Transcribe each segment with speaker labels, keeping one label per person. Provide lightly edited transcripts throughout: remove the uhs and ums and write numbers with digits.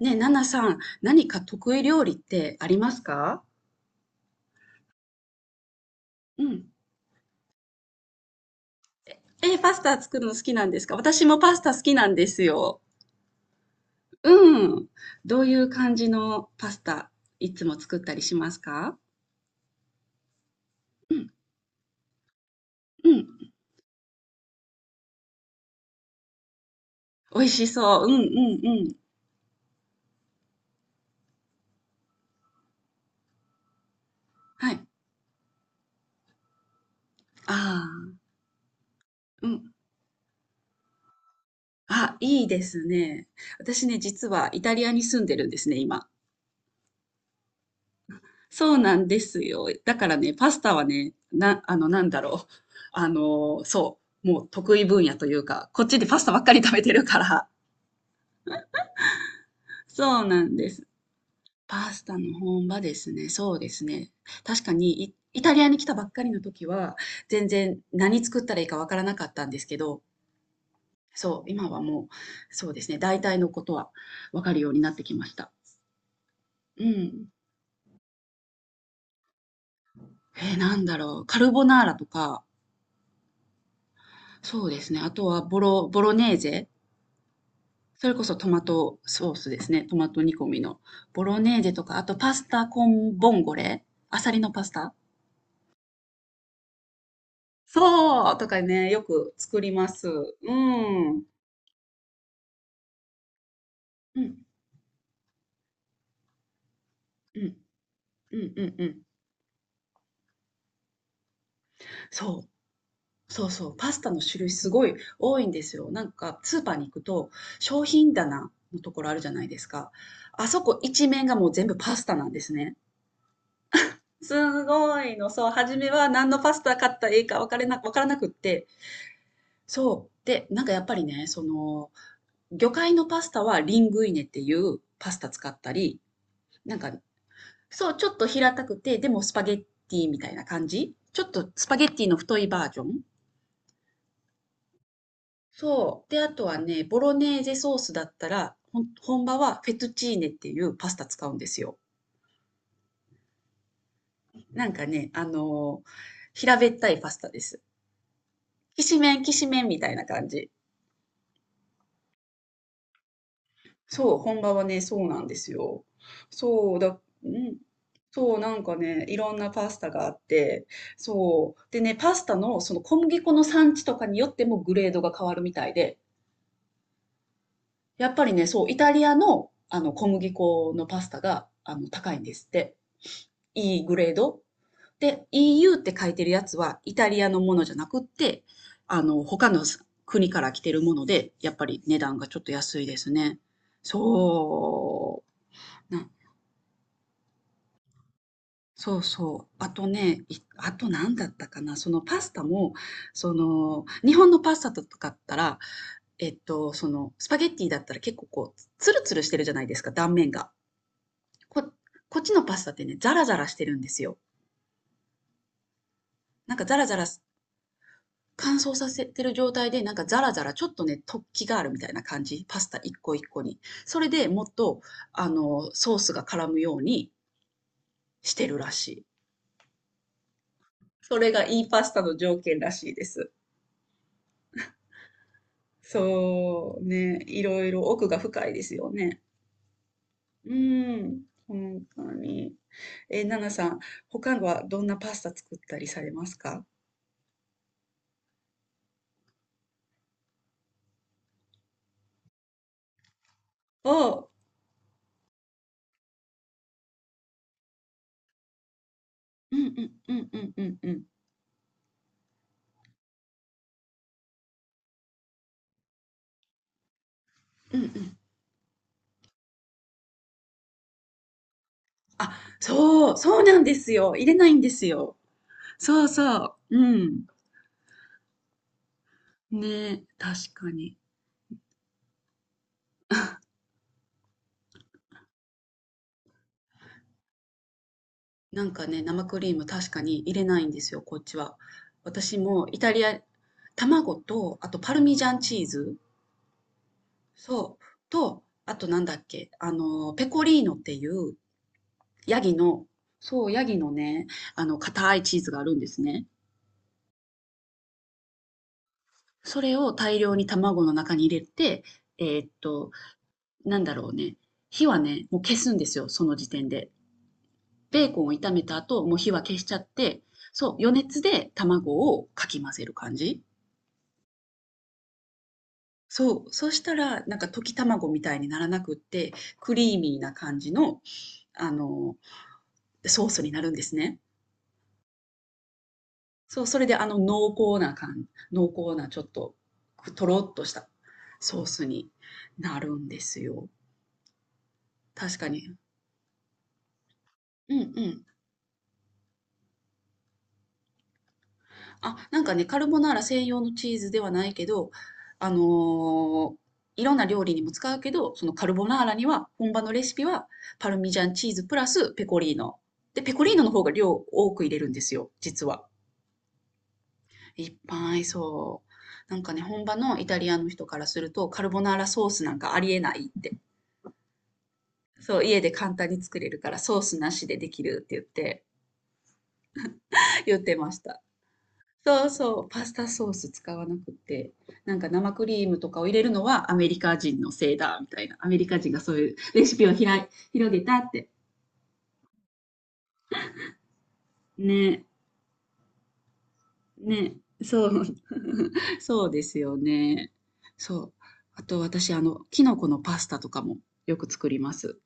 Speaker 1: ねえ、ナナさん、何か得意料理ってありますか？うん。パスタ作るの好きなんですか？私もパスタ好きなんですよ。うん。どういう感じのパスタいつも作ったりしますか？うん、うん。美味しそう。うん、うん、うん。はい。ああ、うん。あ、いいですね。私ね、実はイタリアに住んでるんですね、今。そうなんですよ。だからね、パスタはね、な、あの、なんだろう。そう、もう得意分野というか、こっちでパスタばっかり食べてるから。そうなんです。パスタの本場ですね。そうですね。確かにイタリアに来たばっかりの時は、全然何作ったらいいかわからなかったんですけど、そう、今はもう、そうですね、大体のことはわかるようになってきました。うん。カルボナーラとか、そうですね。あとはボロネーゼ。それこそトマトソースですね。トマト煮込みの。ボロネーゼとか、あとパスタコンボンゴレ、アサリのパスタ、そうとかね、よく作ります。うん。うん。うん。うんうんうん。そう。そうそう。パスタの種類すごい多いんですよ。なんかスーパーに行くと、商品棚のところあるじゃないですか。あそこ一面がもう全部パスタなんですね。すごいの。そう、初めは何のパスタ買ったらいいか分からなくって、そう。で、なんかやっぱりね、その、魚介のパスタはリングイネっていうパスタ使ったり、なんか、そう、ちょっと平たくて、でもスパゲッティみたいな感じ。ちょっとスパゲッティの太いバージョン。そう。で、あとはね、ボロネーゼソースだったら、本場はフェトチーネっていうパスタ使うんですよ。なんかね、平べったいパスタです。きしめんみたいな感じ。そう、本場はね、そうなんですよ。そう、うん。そう、なんかね、いろんなパスタがあって、そう。でね、パスタのその小麦粉の産地とかによってもグレードが変わるみたいで、やっぱりね、そう、イタリアのあの小麦粉のパスタが高いんですって。いいグレード。で、EU って書いてるやつはイタリアのものじゃなくって、他の国から来てるもので、やっぱり値段がちょっと安いですね。そう。そうそう。あとね、あと何だったかな、そのパスタも、その、日本のパスタとかだったら、その、スパゲッティだったら結構こう、ツルツルしてるじゃないですか、断面が。こ、こっちのパスタってね、ザラザラしてるんですよ。なんかザラザラ乾燥させてる状態で、なんかザラザラ、ちょっとね、突起があるみたいな感じ。パスタ一個一個に。それでもっと、ソースが絡むようにしてるらしい。それがいいパスタの条件らしいです。そうね、いろいろ奥が深いですよね。うん、本当に。え、ナナさん、他はどんなパスタ作ったりされますか？おお、うんうんうんうんうんうん。うんうん。あ、そう、そうなんですよ。入れないんですよ。そうそう。うん。ね、確かに。なんかね、生クリーム確かに入れないんですよ、こっちは。私もイタリア、卵と、あとパルミジャンチーズ。そう。と、あとなんだっけ、ペコリーノっていうヤギの、そう、ヤギのね、硬いチーズがあるんですね。それを大量に卵の中に入れて、えーっと、なんだろうね、火はね、もう消すんですよ、その時点で。ベーコンを炒めた後、もう火は消しちゃって、そう、余熱で卵をかき混ぜる感じ。そう、そしたら、なんか溶き卵みたいにならなくって、クリーミーな感じの、あの、ソースになるんですね。そう、それで濃厚なちょっと、とろっとしたソースになるんですよ。確かに。うんうん。あ、なんかね、カルボナーラ専用のチーズではないけど、あのーいろんな料理にも使うけど、そのカルボナーラには、本場のレシピは、パルミジャンチーズプラスペコリーノ。で、ペコリーノの方が量多く入れるんですよ、実は。いっぱいそう。なんかね、本場のイタリアの人からすると、カルボナーラソースなんかありえないって。そう、家で簡単に作れるからソースなしでできるって言って、言ってました。そうそう、パスタソース使わなくて、なんか生クリームとかを入れるのはアメリカ人のせいだ、みたいな。アメリカ人がそういうレシピをひらい広げたって。ね、ね、そう、そうですよね。そう。あと私、キノコのパスタとかもよく作ります。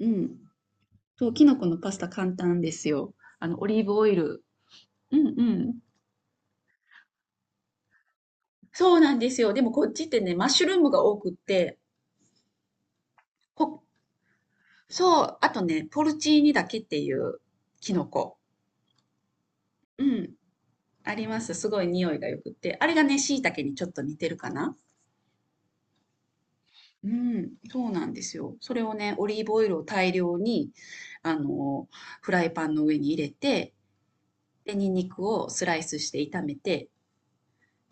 Speaker 1: うん。そう、キノコのパスタ簡単ですよ。あの、オリーブオイル。うんうん。そうなんですよ。でもこっちってね、マッシュルームが多くって、ほ、そう、あとね、ポルチーニだけっていうキノコ。うん、あります。すごい匂いがよくって。あれがね、椎茸にちょっと似てるかな。うん、そうなんですよ。それをね、オリーブオイルを大量に、あの、フライパンの上に入れて、で、ニンニクをスライスして炒めて、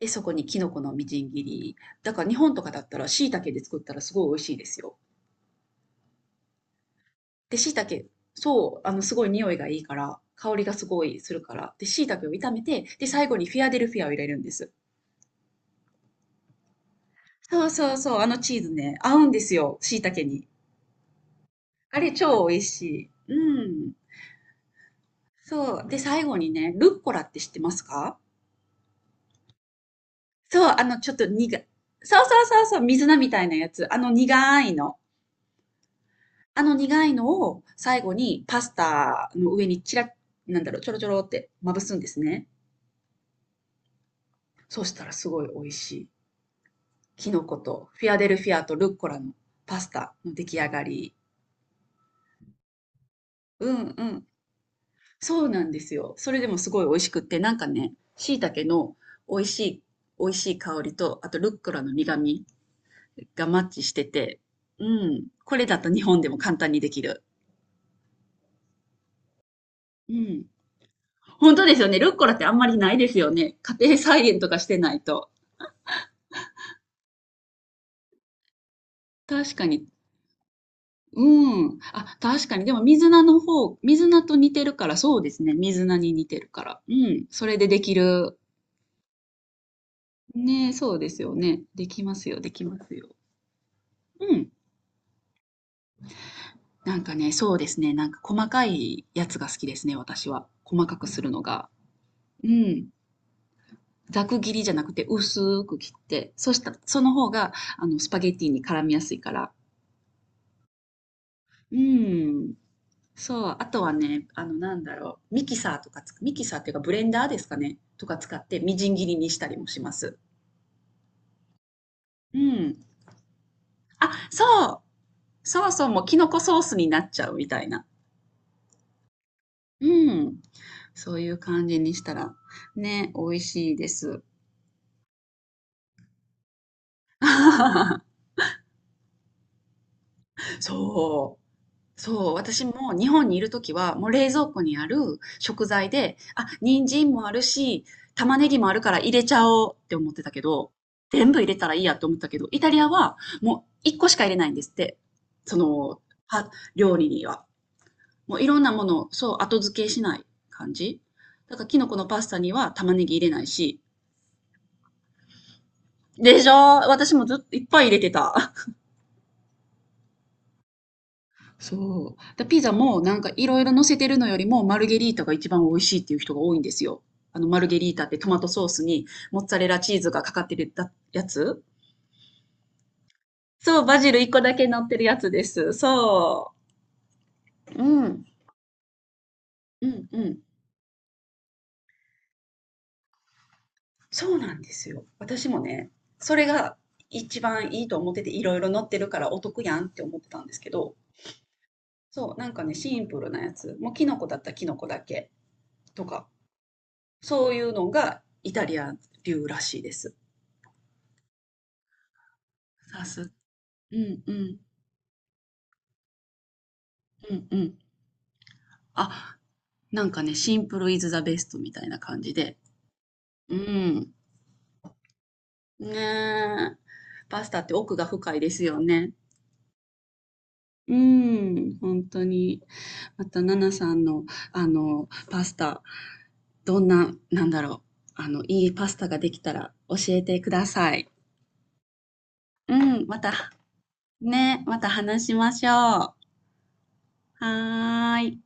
Speaker 1: で、そこにキノコのみじん切り。だから日本とかだったら椎茸で作ったらすごい美味しいですよ。で、そう、すごい匂いがいいから、香りがすごいするから。で、椎茸を炒めて、で、最後にフィアデルフィアを入れるんです。そうそうそう、あのチーズね、合うんですよ、椎茸に。あれ超美味しい。うん。そう。で、最後にね、ルッコラって知ってますか？そう、あの、ちょっと苦そうそうそうそう、水菜みたいなやつ。あの苦いの。あの苦いのを最後にパスタの上にちらなんだろう、ちょろちょろってまぶすんですね。そうしたらすごい美味しい。キノコとフィアデルフィアとルッコラのパスタの出来上がり。うんうん。そうなんですよ。それでもすごい美味しくって、なんかね、椎茸の美味しい、美味しい香りと、あとルッコラの苦味がマッチしてて、うん。これだと日本でも簡単にできる。うん。本当ですよね。ルッコラってあんまりないですよね。家庭菜園とかしてないと。確かに。うん。あ、確かに。でも、水菜と似てるから、そうですね。水菜に似てるから。うん。それでできる。ねえ、そうですよね。できますよ、できますよ。うん。なんかね、そうですね。なんか細かいやつが好きですね、私は。細かくするのが。うん。ざく切りじゃなくて薄く切って、そしたら、その方が、スパゲッティに絡みやすいから。うん。そう。あとはね、ミキサーっていうかブレンダーですかね、とか使ってみじん切りにしたりもします。うん。あ、そう。そうそうもうキノコソースになっちゃうみたいな。うん。そういう感じにしたら、ね、美味しいです。そう。そう。私も日本にいるときは、もう冷蔵庫にある食材で、あ、人参もあるし、玉ねぎもあるから入れちゃおうって思ってたけど、全部入れたらいいやって思ったけど、イタリアはもう1個しか入れないんですって。その、料理には。もういろんなものを、そう、後付けしない感じ。だから、キノコのパスタには玉ねぎ入れないし、でしょ？私もずっといっぱい入れてた。そう。ピザもなんかいろいろ乗せてるのよりもマルゲリータが一番美味しいっていう人が多いんですよ。あのマルゲリータってトマトソースにモッツァレラチーズがかかってるやつ。そう、バジル一個だけ乗ってるやつです。そう。うん。うんうん。そうなんですよ。私もね、それが一番いいと思ってていろいろ乗ってるからお得やんって思ってたんですけど、そう、なんかね、シンプルなやつ。もうキノコだったらキノコだけとか。そういうのがイタリア流らしいです。さす。うんうん。うんうん。あ、なんかね、シンプルイズザベストみたいな感じで。うん。ねえ。パスタって奥が深いですよね。うん、本当に。また、ナナさんの、パスタ、どんな、なんだろう。いいパスタができたら教えてください。うん、また、ね、また話しましょう。はーい。